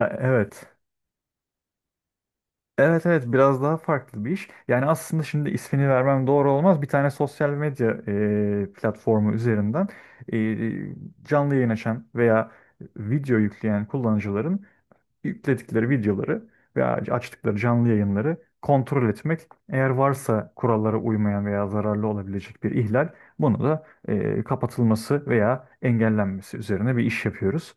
Ya evet. Evet evet biraz daha farklı bir iş. Yani aslında şimdi ismini vermem doğru olmaz. Bir tane sosyal medya platformu üzerinden e, canlı yayın açan veya video yükleyen kullanıcıların yükledikleri videoları veya açtıkları canlı yayınları kontrol etmek. Eğer varsa kurallara uymayan veya zararlı olabilecek bir ihlal, bunu da kapatılması veya engellenmesi üzerine bir iş yapıyoruz.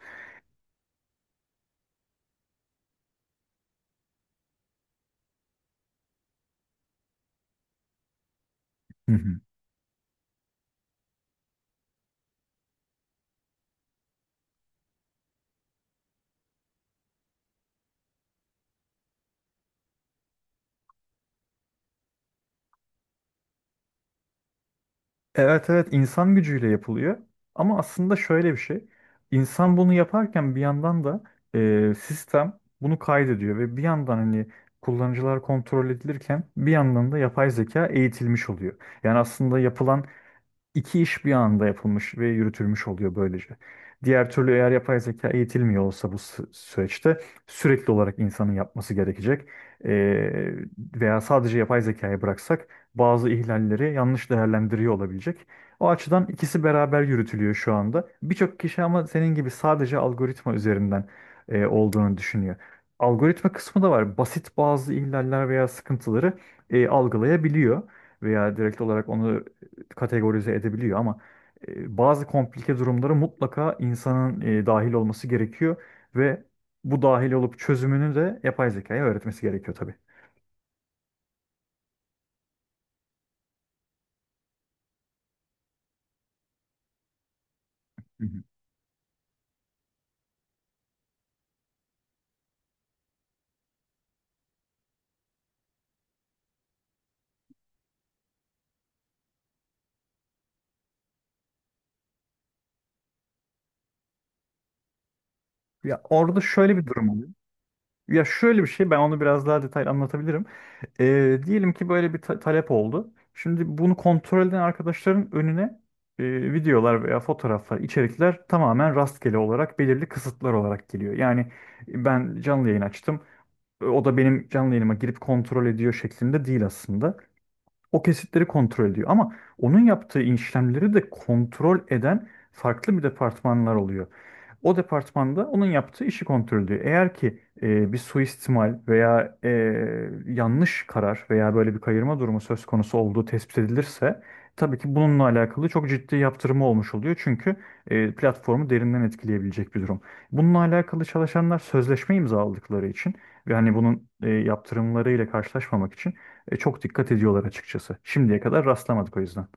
Evet evet insan gücüyle yapılıyor. Ama aslında şöyle bir şey. İnsan bunu yaparken bir yandan da sistem bunu kaydediyor ve bir yandan hani kullanıcılar kontrol edilirken bir yandan da yapay zeka eğitilmiş oluyor. Yani aslında yapılan İki iş bir anda yapılmış ve yürütülmüş oluyor böylece. Diğer türlü eğer yapay zeka eğitilmiyor olsa bu süreçte sürekli olarak insanın yapması gerekecek. Ee, Veya sadece yapay zekaya bıraksak bazı ihlalleri yanlış değerlendiriyor olabilecek. O açıdan ikisi beraber yürütülüyor şu anda. Birçok kişi ama senin gibi sadece algoritma üzerinden olduğunu düşünüyor. Algoritma kısmı da var. Basit bazı ihlaller veya sıkıntıları algılayabiliyor veya direkt olarak onu kategorize edebiliyor ama bazı komplike durumları mutlaka insanın dahil olması gerekiyor ve bu dahil olup çözümünü de yapay zekaya öğretmesi gerekiyor tabii. Hı hı. Ya orada şöyle bir durum oluyor. Ya şöyle bir şey ben onu biraz daha detaylı anlatabilirim. Diyelim ki böyle bir talep oldu. Şimdi bunu kontrol eden arkadaşların önüne videolar veya fotoğraflar, içerikler tamamen rastgele olarak belirli kısıtlar olarak geliyor. Yani ben canlı yayın açtım. O da benim canlı yayınıma girip kontrol ediyor şeklinde değil aslında. O kesitleri kontrol ediyor ama onun yaptığı işlemleri de kontrol eden farklı bir departmanlar oluyor. O departmanda onun yaptığı işi kontrol ediyor. Eğer ki bir suistimal veya yanlış karar veya böyle bir kayırma durumu söz konusu olduğu tespit edilirse tabii ki bununla alakalı çok ciddi yaptırımı olmuş oluyor. Çünkü platformu derinden etkileyebilecek bir durum. Bununla alakalı çalışanlar sözleşme imzaladıkları için ve hani bunun yaptırımlarıyla karşılaşmamak için çok dikkat ediyorlar açıkçası. Şimdiye kadar rastlamadık o yüzden.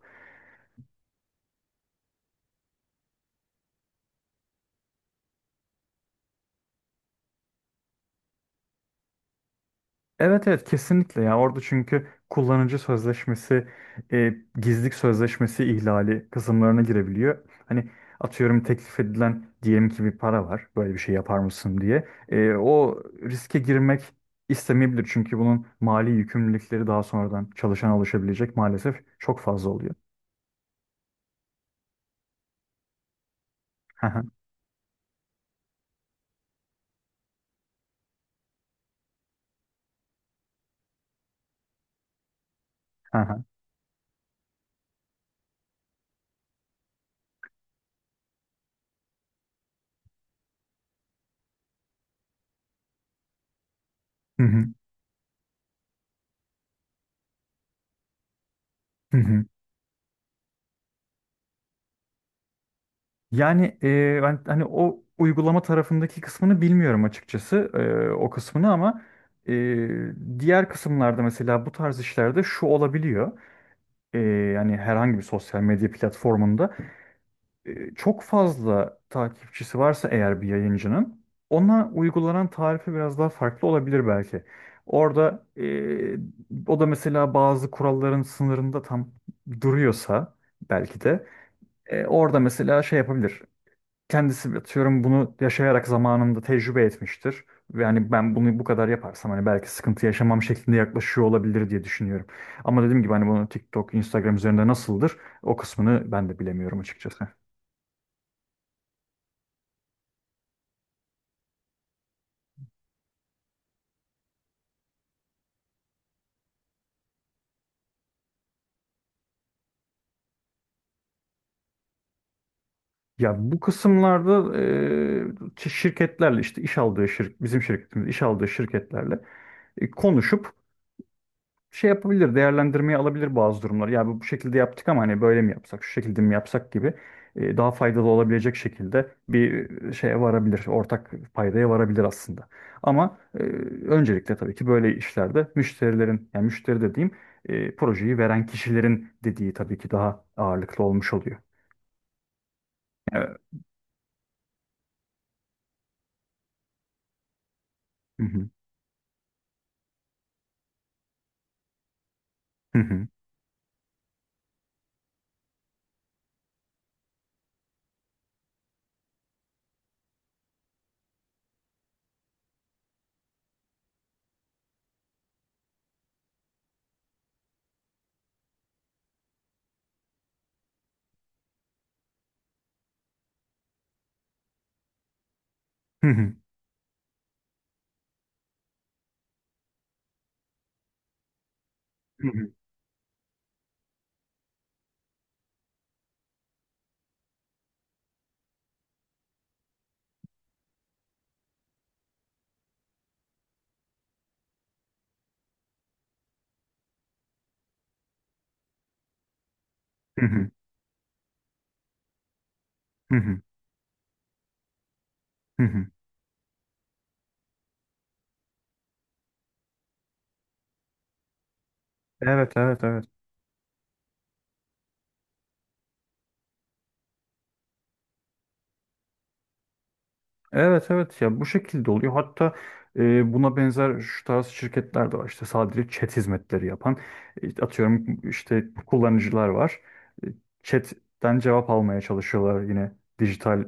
Evet evet kesinlikle ya orada çünkü kullanıcı sözleşmesi, e, gizlilik sözleşmesi ihlali kısımlarına girebiliyor. Hani atıyorum teklif edilen diyelim ki bir para var böyle bir şey yapar mısın diye. O riske girmek istemeyebilir çünkü bunun mali yükümlülükleri daha sonradan çalışana oluşabilecek maalesef çok fazla oluyor. Hı hı, hı hı, hı hı. Yani ben hani o uygulama tarafındaki kısmını bilmiyorum açıkçası o kısmını ama e, diğer kısımlarda mesela bu tarz işlerde şu olabiliyor. E, Yani herhangi bir sosyal medya platformunda çok fazla takipçisi varsa eğer bir yayıncının ona uygulanan tarife biraz daha farklı olabilir belki. Orada o da mesela bazı kuralların sınırında tam duruyorsa belki de orada mesela şey yapabilir kendisi atıyorum bunu yaşayarak zamanında tecrübe etmiştir. Ve hani ben bunu bu kadar yaparsam hani belki sıkıntı yaşamam şeklinde yaklaşıyor olabilir diye düşünüyorum. Ama dediğim gibi hani bunu TikTok, Instagram üzerinde nasıldır o kısmını ben de bilemiyorum açıkçası. Ya bu kısımlarda şirketlerle işte iş aldığı şirk bizim şirketimiz iş aldığı şirketlerle konuşup şey yapabilir, değerlendirmeye alabilir bazı durumlar. Ya bu şekilde yaptık ama hani böyle mi yapsak, şu şekilde mi yapsak gibi daha faydalı olabilecek şekilde bir şeye varabilir, ortak paydaya varabilir aslında. Ama öncelikle tabii ki böyle işlerde müşterilerin, yani müşteri dediğim projeyi veren kişilerin dediği tabii ki daha ağırlıklı olmuş oluyor. Evet. Hı hı. Hı hı. Hı hı. Hı hı. Hı hı. Hı hı. Hı hı. Evet, evet, evet. Evet evet ya bu şekilde oluyor. Hatta buna benzer şu tarz şirketler de var. İşte sadece chat hizmetleri yapan atıyorum işte kullanıcılar var. E, Chat'ten cevap almaya çalışıyorlar yine dijital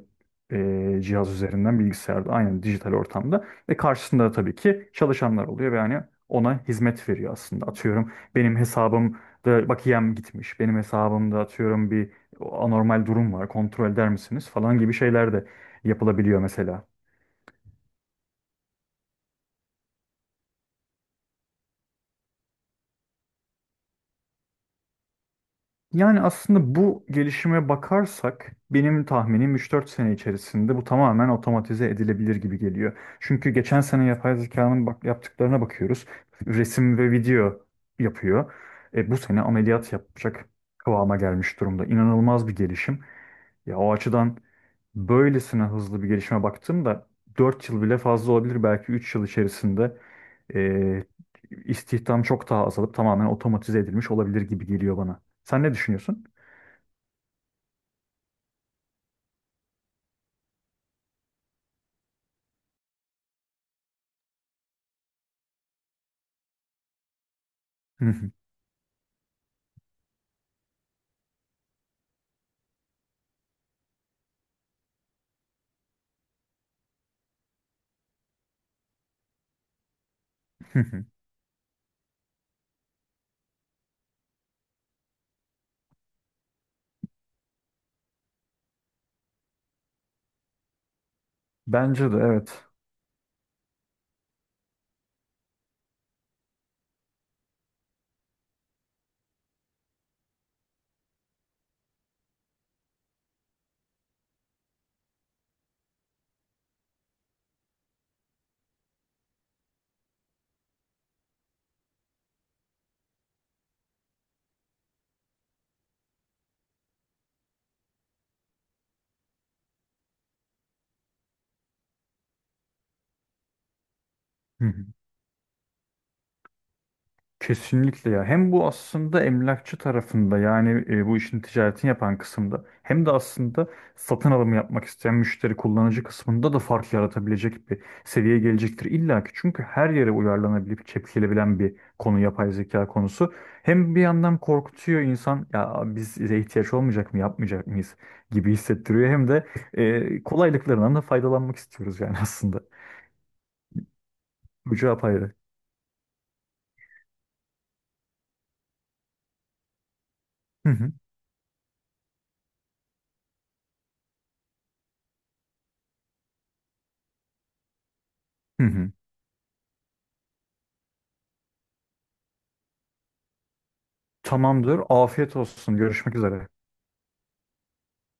cihaz üzerinden bilgisayarda aynen dijital ortamda ve karşısında da tabii ki çalışanlar oluyor ve yani ona hizmet veriyor aslında. Atıyorum benim hesabımda bakiyem gitmiş. Benim hesabımda atıyorum bir anormal durum var. Kontrol eder misiniz falan gibi şeyler de yapılabiliyor mesela. Yani aslında bu gelişime bakarsak benim tahminim 3 4 sene içerisinde bu tamamen otomatize edilebilir gibi geliyor. Çünkü geçen sene yapay zekanın bak yaptıklarına bakıyoruz. Resim ve video yapıyor. Bu sene ameliyat yapacak kıvama gelmiş durumda. İnanılmaz bir gelişim. Ya o açıdan böylesine hızlı bir gelişime baktığımda 4 yıl bile fazla olabilir. Belki 3 yıl içerisinde eee istihdam çok daha azalıp tamamen otomatize edilmiş olabilir gibi geliyor bana. Sen ne düşünüyorsun? Bence de evet. Kesinlikle ya. Hem bu aslında emlakçı tarafında yani bu işin ticaretini yapan kısımda hem de aslında satın alımı yapmak isteyen müşteri kullanıcı kısmında da fark yaratabilecek bir seviyeye gelecektir illa ki. Çünkü her yere uyarlanabilip çekilebilen bir konu yapay zeka konusu. Hem bir yandan korkutuyor insan ya bize ihtiyaç olmayacak mı yapmayacak mıyız gibi hissettiriyor. Hem de kolaylıklarından da faydalanmak istiyoruz yani aslında. Bu cevap ayrı. Hı hı. Hı hı. Tamamdır. Afiyet olsun. Görüşmek üzere.